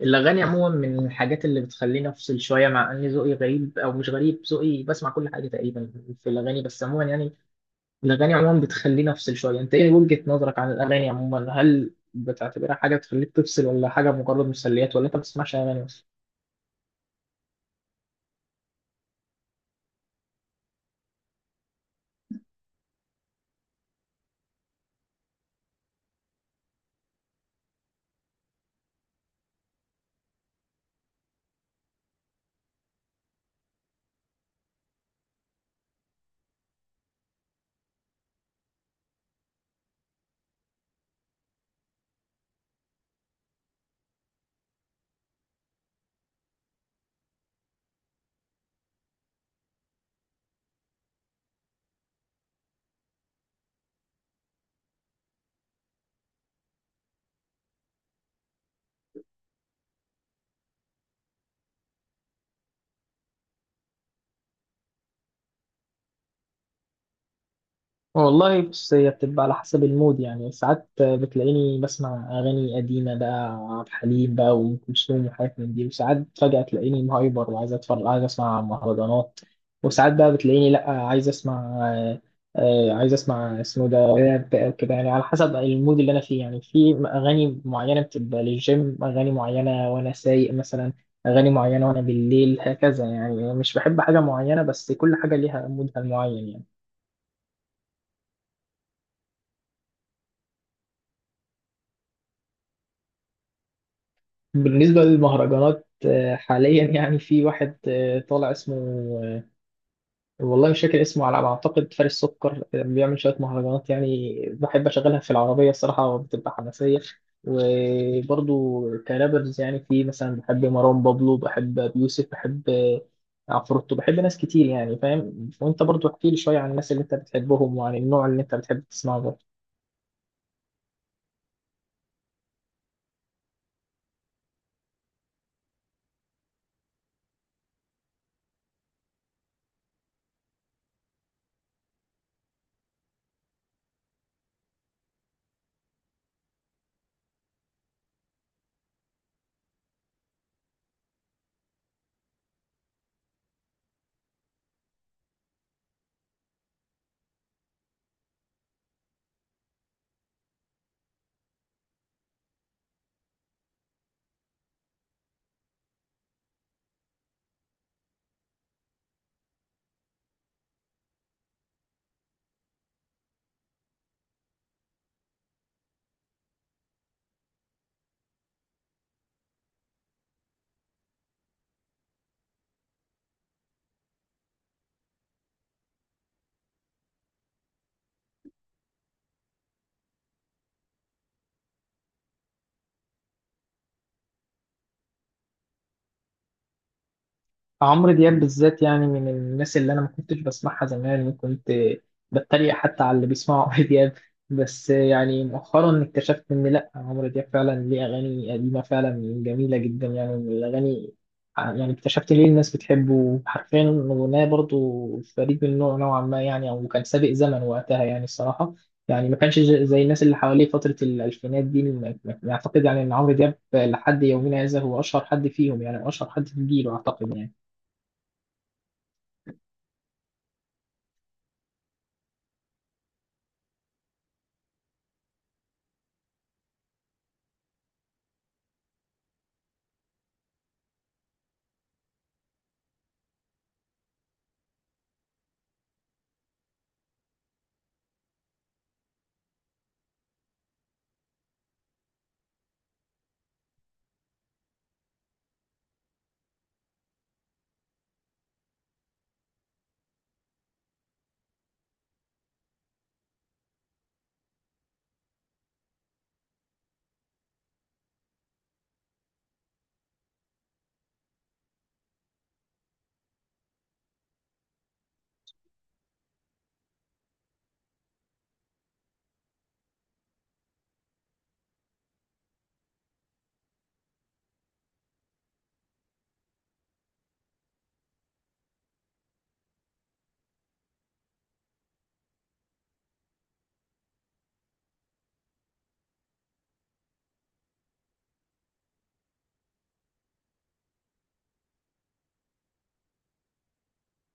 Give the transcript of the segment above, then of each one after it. الأغاني عموما من الحاجات اللي بتخليني أفصل شوية، مع إن ذوقي غريب أو مش غريب. ذوقي بسمع كل حاجة تقريبا في الأغاني، بس عموما يعني الأغاني عموما بتخليني أفصل شوية. أنت إيه وجهة نظرك عن الأغاني عموما؟ هل بتعتبرها حاجة بتخليك تفصل ولا حاجة مجرد مسليات، ولا أنت ما بتسمعش أغاني أصلا؟ والله بص، هي بتبقى على حسب المود، يعني ساعات بتلاقيني بسمع أغاني قديمة بقى، عبد الحليم بقى وأم كلثوم وحاجات من دي. وساعات فجأة تلاقيني مهايبر وعايز أتفرج، عايز أسمع مهرجانات. وساعات بقى بتلاقيني لأ، عايز أسمع عايز أسمع اسمه ده راب أو كده، يعني على حسب المود اللي أنا فيه. يعني في أغاني معينة بتبقى للجيم، أغاني معينة وأنا سايق مثلا، أغاني معينة وأنا بالليل هكذا. يعني مش بحب حاجة معينة بس كل حاجة ليها مودها المعين يعني. بالنسبة للمهرجانات، حاليا يعني في واحد طالع اسمه، آه، والله مش فاكر اسمه، على ما أعتقد فارس سكر، بيعمل شوية مهرجانات. يعني بحب أشغلها في العربية، الصراحة بتبقى حماسية. وبرضو كرابرز يعني، في مثلا بحب مروان بابلو، بحب أبي يوسف، بحب عفروتو، بحب ناس كتير يعني، فاهم. وأنت برضو احكي لي شوية عن الناس اللي أنت بتحبهم وعن النوع اللي أنت بتحب تسمعه. عمرو دياب بالذات، يعني من الناس اللي انا ما كنتش بسمعها زمان. كنت بتريق حتى على اللي بيسمعوا عمرو دياب. بس يعني مؤخرا اكتشفت ان لا، عمرو دياب فعلا ليه اغاني قديمه فعلا جميله جدا، يعني من الاغاني. يعني اكتشفت ليه الناس بتحبه حرفيا. اغنيه برضو فريد من نوعا ما، يعني او كان سابق زمن وقتها يعني الصراحه. يعني ما كانش زي الناس اللي حواليه فتره الالفينات دي، اعتقد يعني ان عمرو دياب لحد يومنا هذا هو اشهر حد فيهم، يعني اشهر حد في جيله اعتقد يعني.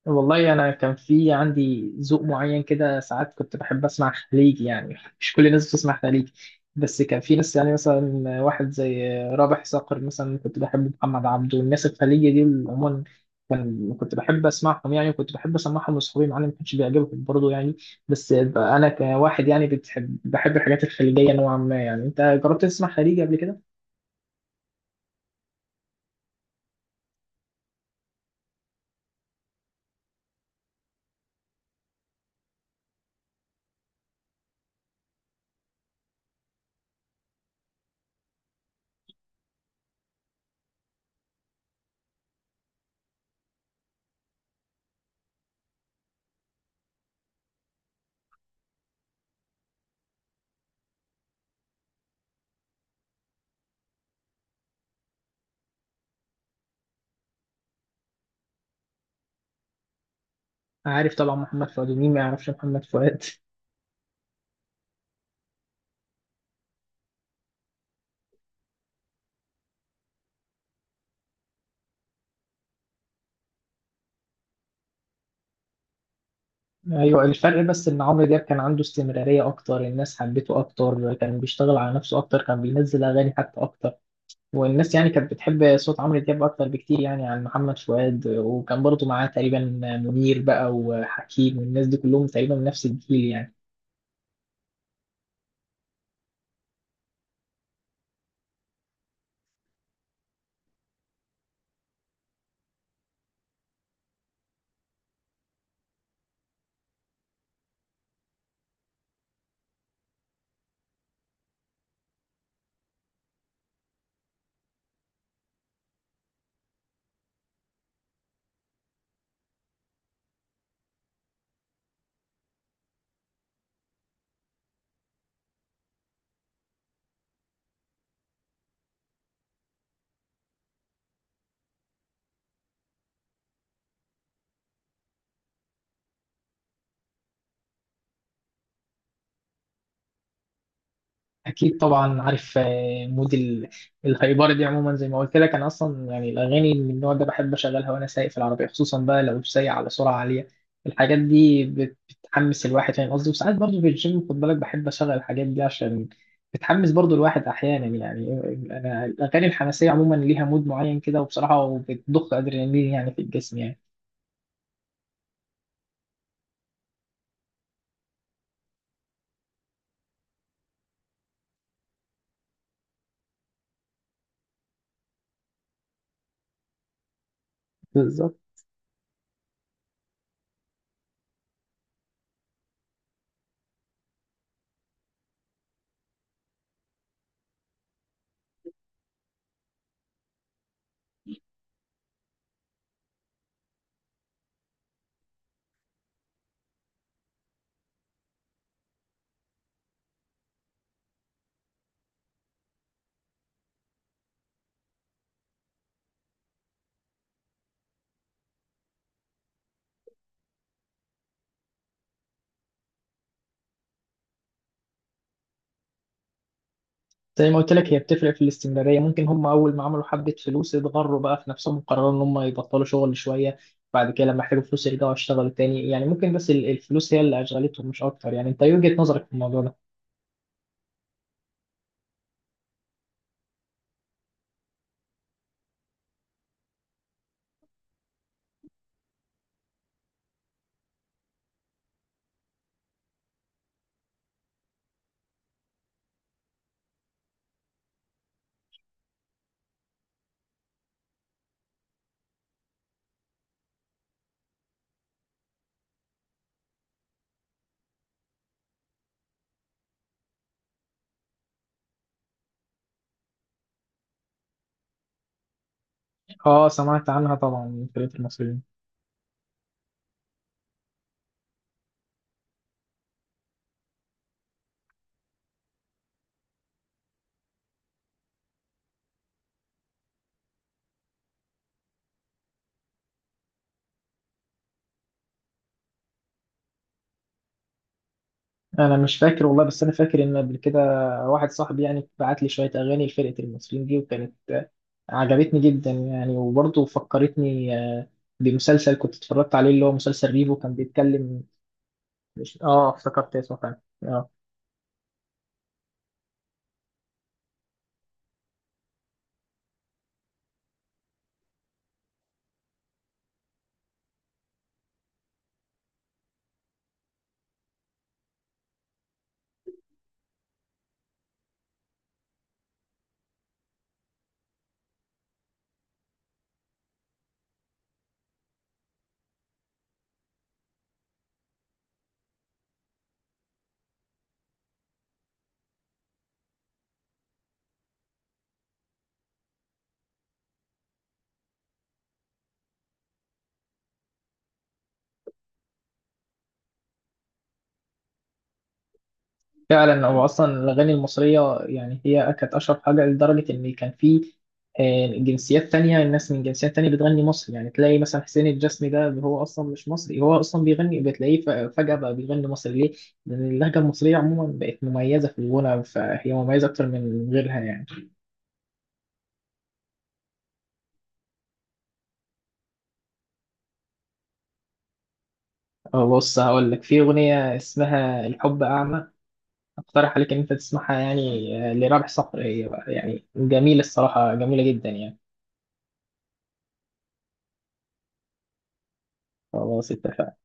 والله انا كان في عندي ذوق معين كده، ساعات كنت بحب اسمع خليجي. يعني مش كل الناس بتسمع خليجي، بس كان في ناس، يعني مثلا واحد زي رابح صقر مثلا، كنت بحب محمد عبده والناس الخليجي دي عموما. كنت بحب اسمعهم يعني، وكنت بحب اسمعهم لاصحابي، معانا ما كانش بيعجبهم برضه يعني. بس بقى انا كواحد يعني بحب الحاجات الخليجيه نوعا ما يعني. انت جربت تسمع خليجي قبل كده؟ عارف طبعا محمد فؤاد، ومين ما يعرفش محمد فؤاد. ايوه، الفرق بس ان عمرو دياب كان عنده استمراريه اكتر، الناس حبته اكتر، كان بيشتغل على نفسه اكتر، كان بينزل اغاني حتى اكتر. والناس يعني كانت بتحب صوت عمرو دياب اكتر بكتير يعني عن محمد فؤاد. وكان برضه معاه تقريبا منير بقى وحكيم، والناس دي كلهم تقريبا من نفس الجيل يعني. اكيد طبعا عارف، مود الهايبره دي عموما. زي ما قلت لك انا اصلا يعني الاغاني من النوع ده بحب اشغلها وانا سايق في العربيه، خصوصا بقى لو سايق على سرعه عاليه، الحاجات دي بتحمس الواحد، فاهم قصدي. وساعات برضه في الجيم خد بالك بحب اشغل الحاجات دي، عشان بتحمس برضه الواحد احيانا يعني. انا الاغاني الحماسيه عموما ليها مود معين كده وبصراحه، وبتضخ ادرينالين يعني في الجسم يعني. بالظبط. زي ما قلت لك، هي بتفرق في الاستمرارية. ممكن هم أول ما عملوا حبة فلوس اتغروا بقى في نفسهم وقرروا إن هم يبطلوا شغل شوية، بعد كده لما احتاجوا فلوس يرجعوا يشتغلوا تاني يعني. ممكن بس الفلوس هي اللي أشغلتهم مش أكتر يعني. أنت إيه وجهة نظرك في الموضوع ده؟ أه سمعت عنها طبعا، من فرقة المصريين. أنا مش فاكر والله، بس أنا فاكر إن قبل كده واحد صاحبي يعني بعت لي شوية أغاني لفرقة المصريين دي، وكانت عجبتني جدا يعني. وبرضه فكرتني بمسلسل كنت اتفرجت عليه، اللي هو مسلسل ريفو، كان بيتكلم. مش، افتكرت اسمه فعلا آه. فعلا هو اصلا الاغاني المصريه يعني هي كانت اشهر حاجه، لدرجه ان كان في جنسيات تانية، الناس من جنسيات تانية بتغني مصري. يعني تلاقي مثلا حسين الجسمي ده اللي هو اصلا مش مصري، هو اصلا بيغني، بتلاقيه فجاه بقى بيغني مصري، ليه؟ لان اللهجه المصريه عموما بقت مميزه في الغنى، فهي مميزه اكتر من غيرها يعني. بص هقول لك، في اغنيه اسمها الحب اعمى، اقترح عليك ان انت تسمعها. يعني لرابح صقر، هي بقى يعني جميله الصراحه، جميله جدا يعني. خلاص اتفقنا.